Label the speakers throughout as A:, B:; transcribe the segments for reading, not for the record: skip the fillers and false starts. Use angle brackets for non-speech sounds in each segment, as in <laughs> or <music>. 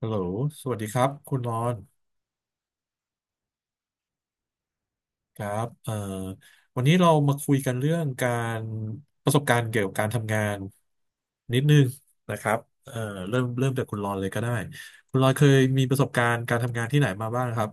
A: ฮัลโหลสวัสดีครับ คุณรอนครับวันนี้เรามาคุยกันเรื่องการประสบการณ์เกี่ยวกับการทำงานนิดนึงนะครับเอ่อเริ่มจากคุณรอนเลยก็ได้ คุณรอนเคยมีประสบการณ์การทำงานที่ไหนมาบ้างครับ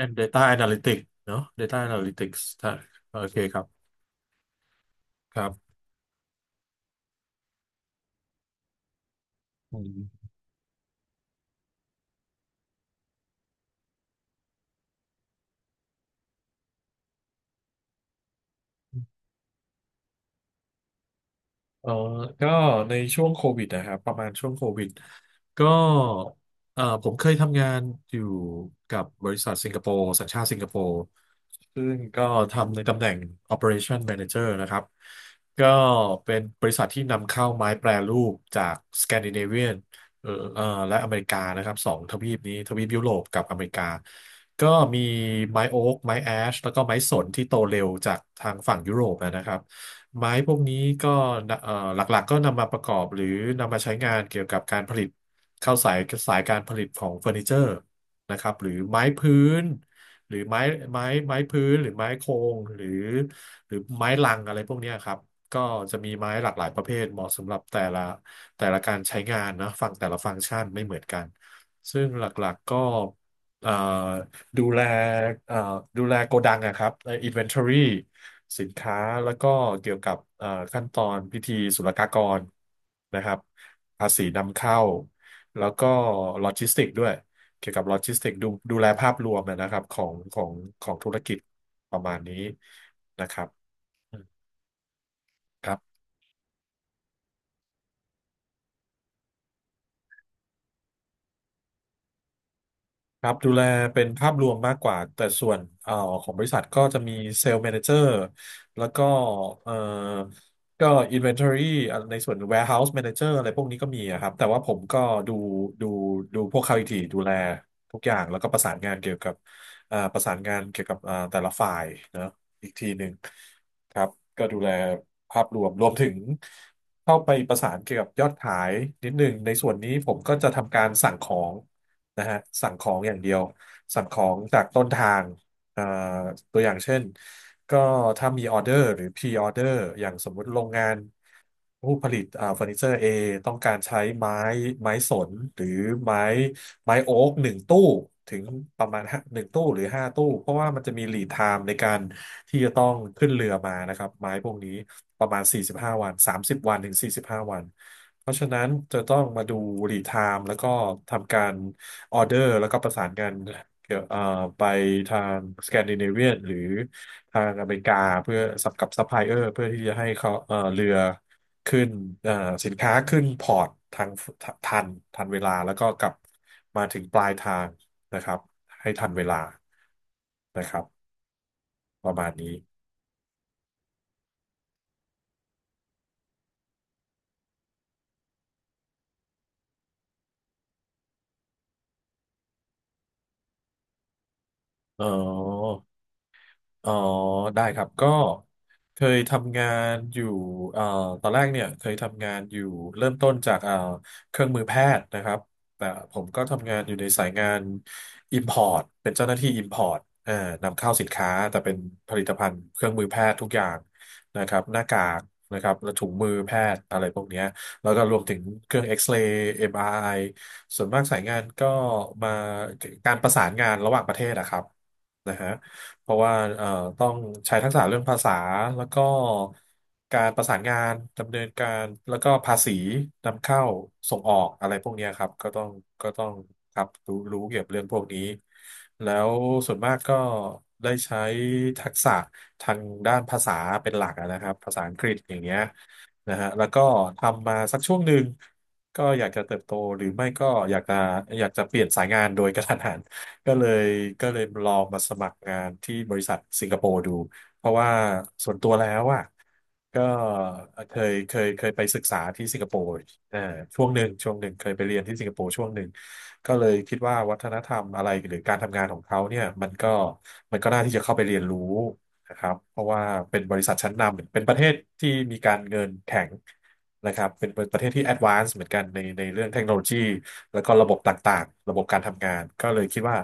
A: and data analytics เนอะ data analytics ถ้าโอเคครับครับอืม เออก็ในช่วงโควิดนะครับ ประมาณช่วงโควิด ก็เออผมเคยทำงานอยู่กับบริษัทสิงคโปร์สัญชาติสิงคโปร์ ซึ่งก็ทำในตำแหน่ง Operation Manager นะครับ ก็เป็นบริษัทที่นำเข้าไม้แปรรูปจากสแกนดิเนเวียนเออและอเมริกานะครับ สองทวีปนี้ทวีปยุโรปกับอเมริกา ก็มีไม้โอ๊กไม้แอชแล้วก็ไม้สนที่โตเร็วจากทางฝั่งยุโรปนะครับ ไม้พวกนี้ก็หลักๆก็นำมาประกอบหรือนำมาใช้งานเกี่ยวกับการผลิตเข้าสายสายการผลิตของเฟอร์นิเจอร์นะครับหรือไม้พื้นหรือไม้ไม้พื้นหรือไม้โครงหรือหรือไม้ลังอะไรพวกเนี้ยครับก็จะมีไม้หลากหลายประเภทเหมาะสำหรับแต่ละการใช้งานนะฟังแต่ละฟังก์ชันไม่เหมือนกันซึ่งหลักๆก็เอ่อ ดูแลเอ่อดูแลโกดังอะครับใน inventory สินค้า แล้วก็เกี่ยวกับขั้นตอนพิธีศุลกากรนะครับภาษีนำเข้า แล้วก็โลจิสติกด้วย เกี่ยวกับโลจิสติกดูแลภาพรวมนะครับของของธุรกิจประมาณนี้นะครับอืมครับ ครับดูแลเป็นภาพรวมมากกว่าแต่ส่วนของบริษัทก็จะมีเซลล์แมเนเจอร์แล้วก็เอ่อก็ Inventory อ่ะในส่วน Warehouse Manager อะไรพวกนี้ก็มีอะครับแต่ว่าผมก็ดูดูดูพวกเขาอีกทีดูแลทุกอย่างแล้วก็ประสานงานเกี่ยวกับประสานงานเกี่ยวกับแต่ละฝ่ายเนอะอีกทีหนึ่งครับก็ดูแลภาพรวมรวมถึงเข้าไปประสานเกี่ยวกับยอดขายนิดหนึ่งในส่วนนี้ผมก็จะทำการสั่งของ นะฮะสั่งของอย่างเดียวสั่งของจากต้นทางเอ่อตัวอย่างเช่นก็ถ้ามีออเดอร์หรือพรีออเดอร์อย่างสมมุติโรงงานผู้ผลิตเฟอร์นิเจอร์ A ต้องการใช้ไม้ไม้สนหรือไม้ไม้โอ๊กหนึ่งตู้ถึงประมาณห้าหนึ่งตู้หรือห้าตู้เพราะว่ามันจะมีลีดไทม์ในการที่จะต้องขึ้นเรือมานะครับไม้พวกนี้ประมาณ45วัน30วันถึง45วันเพราะฉะนั้นจะต้องมาดูรีไทม์แล้วก็ทำการ ออเดอร์แล้วก็ประสานกันเกี่ยวไปทางสแกนดิเนเวียนหรือทางอเมริกาเพื่อสับกับซัพพลายเออร์เพื่อที่จะให้เขาเรือขึ้นเอ่อสินค้าขึ้นพอร์ตทางทันทันเวลาแล้วก็กลับมาถึงปลายทางนะครับให้ทันเวลานะครับประมาณนี้อ๋อ อ๋อได้ครับก็เคยทำงานอยู่เอ่อตอนแรกเนี่ยเคยทำงานอยู่เริ่มต้นจากเครื่องมือแพทย์นะครับแต่ผมก็ทำงานอยู่ในสายงาน Import เป็นเจ้าหน้าที่ Import นำเข้าสินค้าแต่เป็นผลิตภัณฑ์เครื่องมือแพทย์ทุกอย่างนะครับหน้ากากนะครับและถุงมือแพทย์อะไรพวกเนี้ยแล้วก็รวมถึงเครื่องเอ็กซเรย์ MRI ส่วนมากสายงานก็มาการประสานงานระหว่างประเทศนะครับนะฮะ เพราะว่าต้องใช้ทักษะเรื่องภาษาแล้วก็การประสานงานดำเนินการแล้วก็ภาษีนำเข้าส่งออกอะไรพวกเนี้ยครับก็ต้องครับรู้เกี่ยวกับเรื่องพวกนี้แล้วส่วนมากก็ได้ใช้ทักษะทางด้านภาษาเป็นหลักอะนะครับภาษาอังกฤษอย่างเงี้ยนะฮะแล้วก็ทำมาสักช่วงหนึ่งก็อยากจะเติบโตหรือไม่ก็อยากจะอยากจะเปลี่ยนสายงานโดยกระทันหัน ก็เลยก็เลยลองมาสมัครงานที่บริษัทสิงคโปร์ดูเพราะว่าส่วนตัวแล้วอ่ะก็เคยไปศึกษาที่สิงคโปร์เอ่อช่วงหนึ่งเคยไปเรียนที่สิงคโปร์ช่วงหนึ่งก็เลยคิดว่าวัฒนธรรมอะไรหรือการทำงานของเขาเนี่ยมันก็น่าที่จะเข้าไปเรียนรู้ นะครับเพราะว่าเป็นบริษัทชั้นนำเป็นประเทศที่มีการเงินแข็งนะครับเป็นประเทศที่แอดวานซ์เหมือนกันในเรื่องเทคโนโลยีแล้วก็ระบบต่างๆระบบการทำงานก็เลยคิดว่า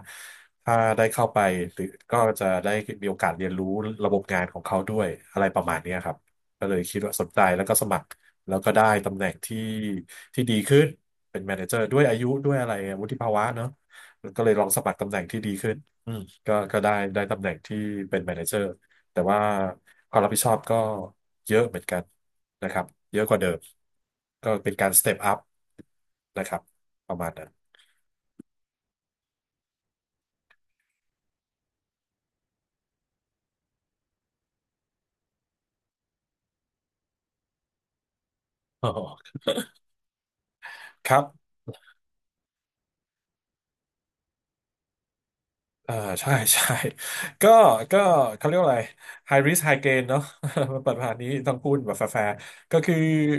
A: ถ้าได้เข้าไปหรือก็จะได้มีโอกาสเรียนรู้ระบบงานของเขาด้วยอะไรประมาณเนี้ยครับก็เลยคิดว่าสนใจแล้วก็สมัครแล้วก็ได้ตำแหน่งที่ดีขึ้นเป็นแมเนเจอร์ด้วยอายุด้วยอะไรวุฒิภาวะเนาะก็เลยลองสมัครตำแหน่งที่ดีขึ้นอืมก็ได้ตำแหน่งที่เป็นแมเนเจอร์ แต่ว่าความรับผิดชอบก็เยอะเหมือนกันนะครับเยอะกว่าเดิมก็เป็นการสเต็ปอัพนะครับประมาณนั้น <laughs> ครับ เออใช่ <laughs> ใช่ <laughs> ก็ก็เขาเรียกว่าอะไร high risk high gain เนอะ <laughs> มันเปิดผ่านนี้ต้องพูดแบบแฟร์ๆก็คือ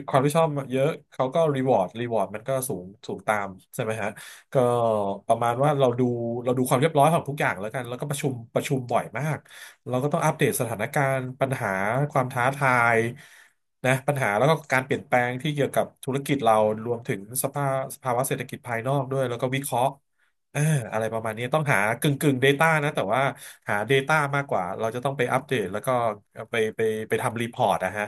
A: ความที่ชอบเยอะเขาก็ reward มันก็สูงตามใช่ไหมฮะก็ประมาณว่าเราดูความเรียบร้อยของทุกอย่างแล้วกันแล้วก็ประชุมบ่อยมากเราก็ต้องอัปเดตสถานการณ์ปัญหาความท้าทายนะปัญหาแล้วก็การเปลี่ยนแปลงที่เกี่ยวกับธุรกิจเรารวมถึงสภาวะเศรษฐกิจภายนอกด้วยแล้วก็วิเคราะห์ เออะไรประมาณนี้ต้องหากึ่ง Data นะแต่ว่าหา Data มากกว่าเราจะต้องไปอัปเดตแล้วก็ไปไปไปทำรีพอร์ตนะฮะ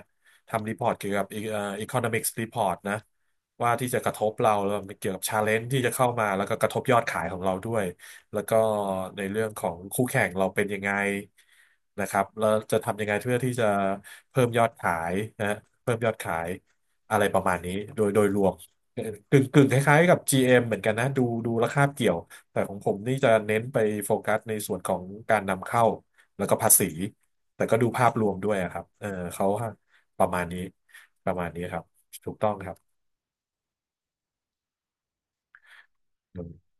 A: ทำรีพอร์ตเกี่ยวกับeconomics report นะว่าที่จะกระทบเราแล้วมันเกี่ยวกับ challenge ที่จะเข้ามาแล้วก็กระทบยอดขายของเราด้วยแล้วก็ในเรื่องของคู่แข่งเราเป็นยังไงนะครับแล้วจะทำยังไงเพื่อที่จะเพิ่มยอดขายนะเพิ่มยอดขายอะไรประมาณนี้โดยรวมกึ่งคล้ายๆกับ GM เอ็มเหมือนกันนะดูแล้วคาบเกี่ยว แต่ของผมนี่จะเน้นไปโฟกัสในส่วนของการนำเข้าแล้วก็ภาษีแต่ก็ดูภาพรวมด้วยอะครับเออเขาประมาณนี้ประมาณนี้ครับถูกต้องครับอืม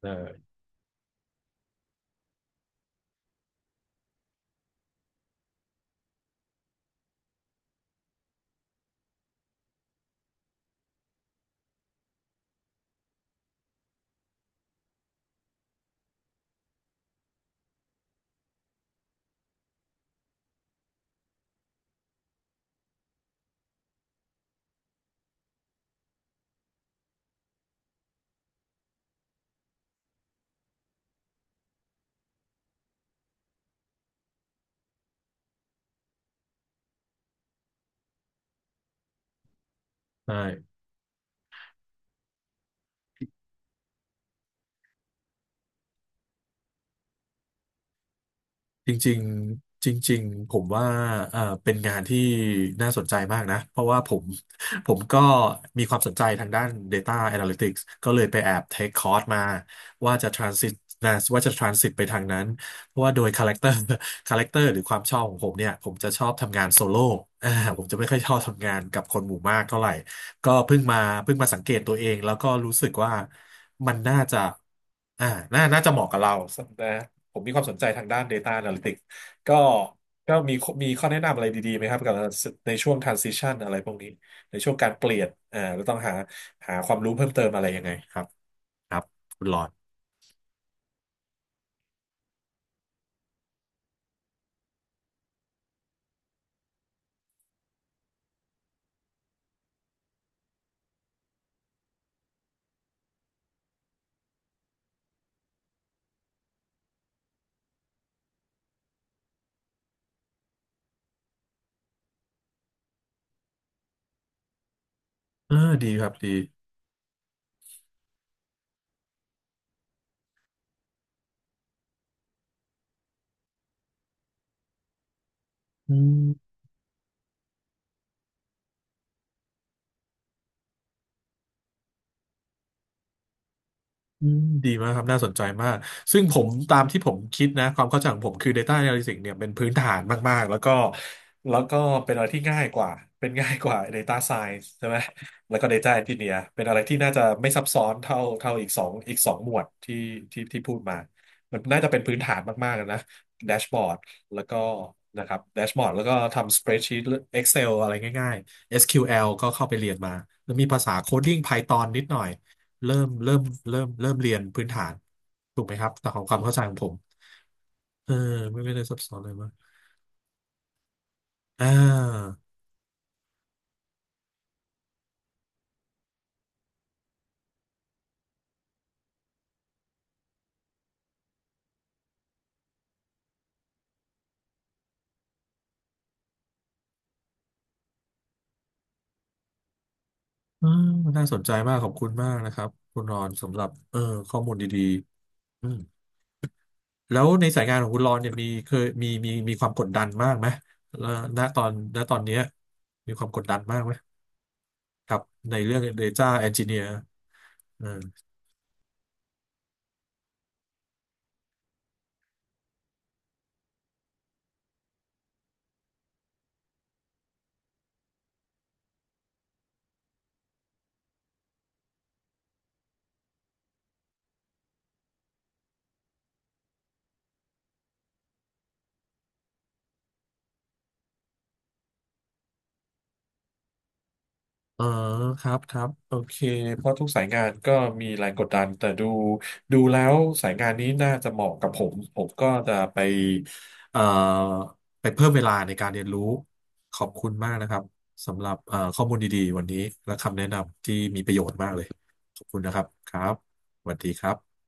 A: เออใช่ จริงๆจริงๆผมว่าเป็นงานที่น่าสนใจมากนะเพราะว่าผม <laughs> ผมก็มีความสนใจทางด้าน Data Analytics ก็เลยไปแอบเทคคอร์สมาว่าจะ transit นะว่าจะ transit ไปทางนั้นเพราะว่าโดยคาแรคเตอร์ <laughs> หรือความชอบของผมเนี่ยผมจะชอบทำงานโซโล่อ่าผมจะไม่ค่อยชอบทำงานกับคนหมู่มากเท่าไหร่ ก็เพิ่งมาเพิ่งมาสังเกตตัวเองแล้วก็รู้สึกว่ามันน่าจะอ่าน่าจะเหมาะกับเรานะผมมีความสนใจทางด้าน Data Analytics ก็ก็มีข้อแนะนำอะไรดีๆไหมครับกับในช่วง transition อะไรพวกนี้ในช่วงการเปลี่ยนเราต้องหาหาความรู้เพิ่มเติมอะไรยังไงครับครับคุณหลอดเออดีครับดีอืม อืมดีมากครับน่าสนใจมากซึ่งผมตามที่ผมคิดนะความเข้าใจของผมคือ Data Analytics เนี่ยเป็นพื้นฐานมากๆแล้วก็เป็นอะไรที่ง่ายกว่าเป็นง่ายกว่า Data Science ใช่ไหมแล้วก็ Data Engineer เป็นอะไรที่น่าจะไม่ซับซ้อนเท่าอีกสองหมวดที่ที่พูดมามันน่าจะเป็นพื้นฐานมากๆนะแดชบอร์ดแล้วก็นะครับแดชบอร์ดแล้วก็ทำสเปรดชีต Excel อะไรง่ายๆ SQL ก็เข้าไปเรียนมาแล้วมีภาษาโคดดิ้ง Python นิดหน่อย เริ่มเริ่มเริ่มเรียนพื้นฐานถูกไหมครับแต่ของความเข้าใจของผมเออไม่ได้ซับซ้อนเลยมากอ่าอ่าน่าสนใจมากขอบคุณมากนะครับคุณรอนสำหรับข้อมูลดีๆอืมแล้วในสายงานของคุณรอนเนี่ยเคยมีมีความกดดันมากไหมแล้วณตอนเนี้ยมีความกดดันมากไหมครับในเรื่อง Data Engineer เออ อ๋อครับครับโอเคเพราะทุกสายงานก็มีแรงกดดันแต่ดูแล้วสายงานนี้น่าจะเหมาะกับผมผมก็จะไปเอ่อไปเพิ่มเวลาในการเรียนรู้ขอบคุณมากนะครับสำหรับข้อมูลดีๆวันนี้และคำแนะนำที่มีประโยชน์มากเลยขอบคุณนะครับครับสวัสดีครับ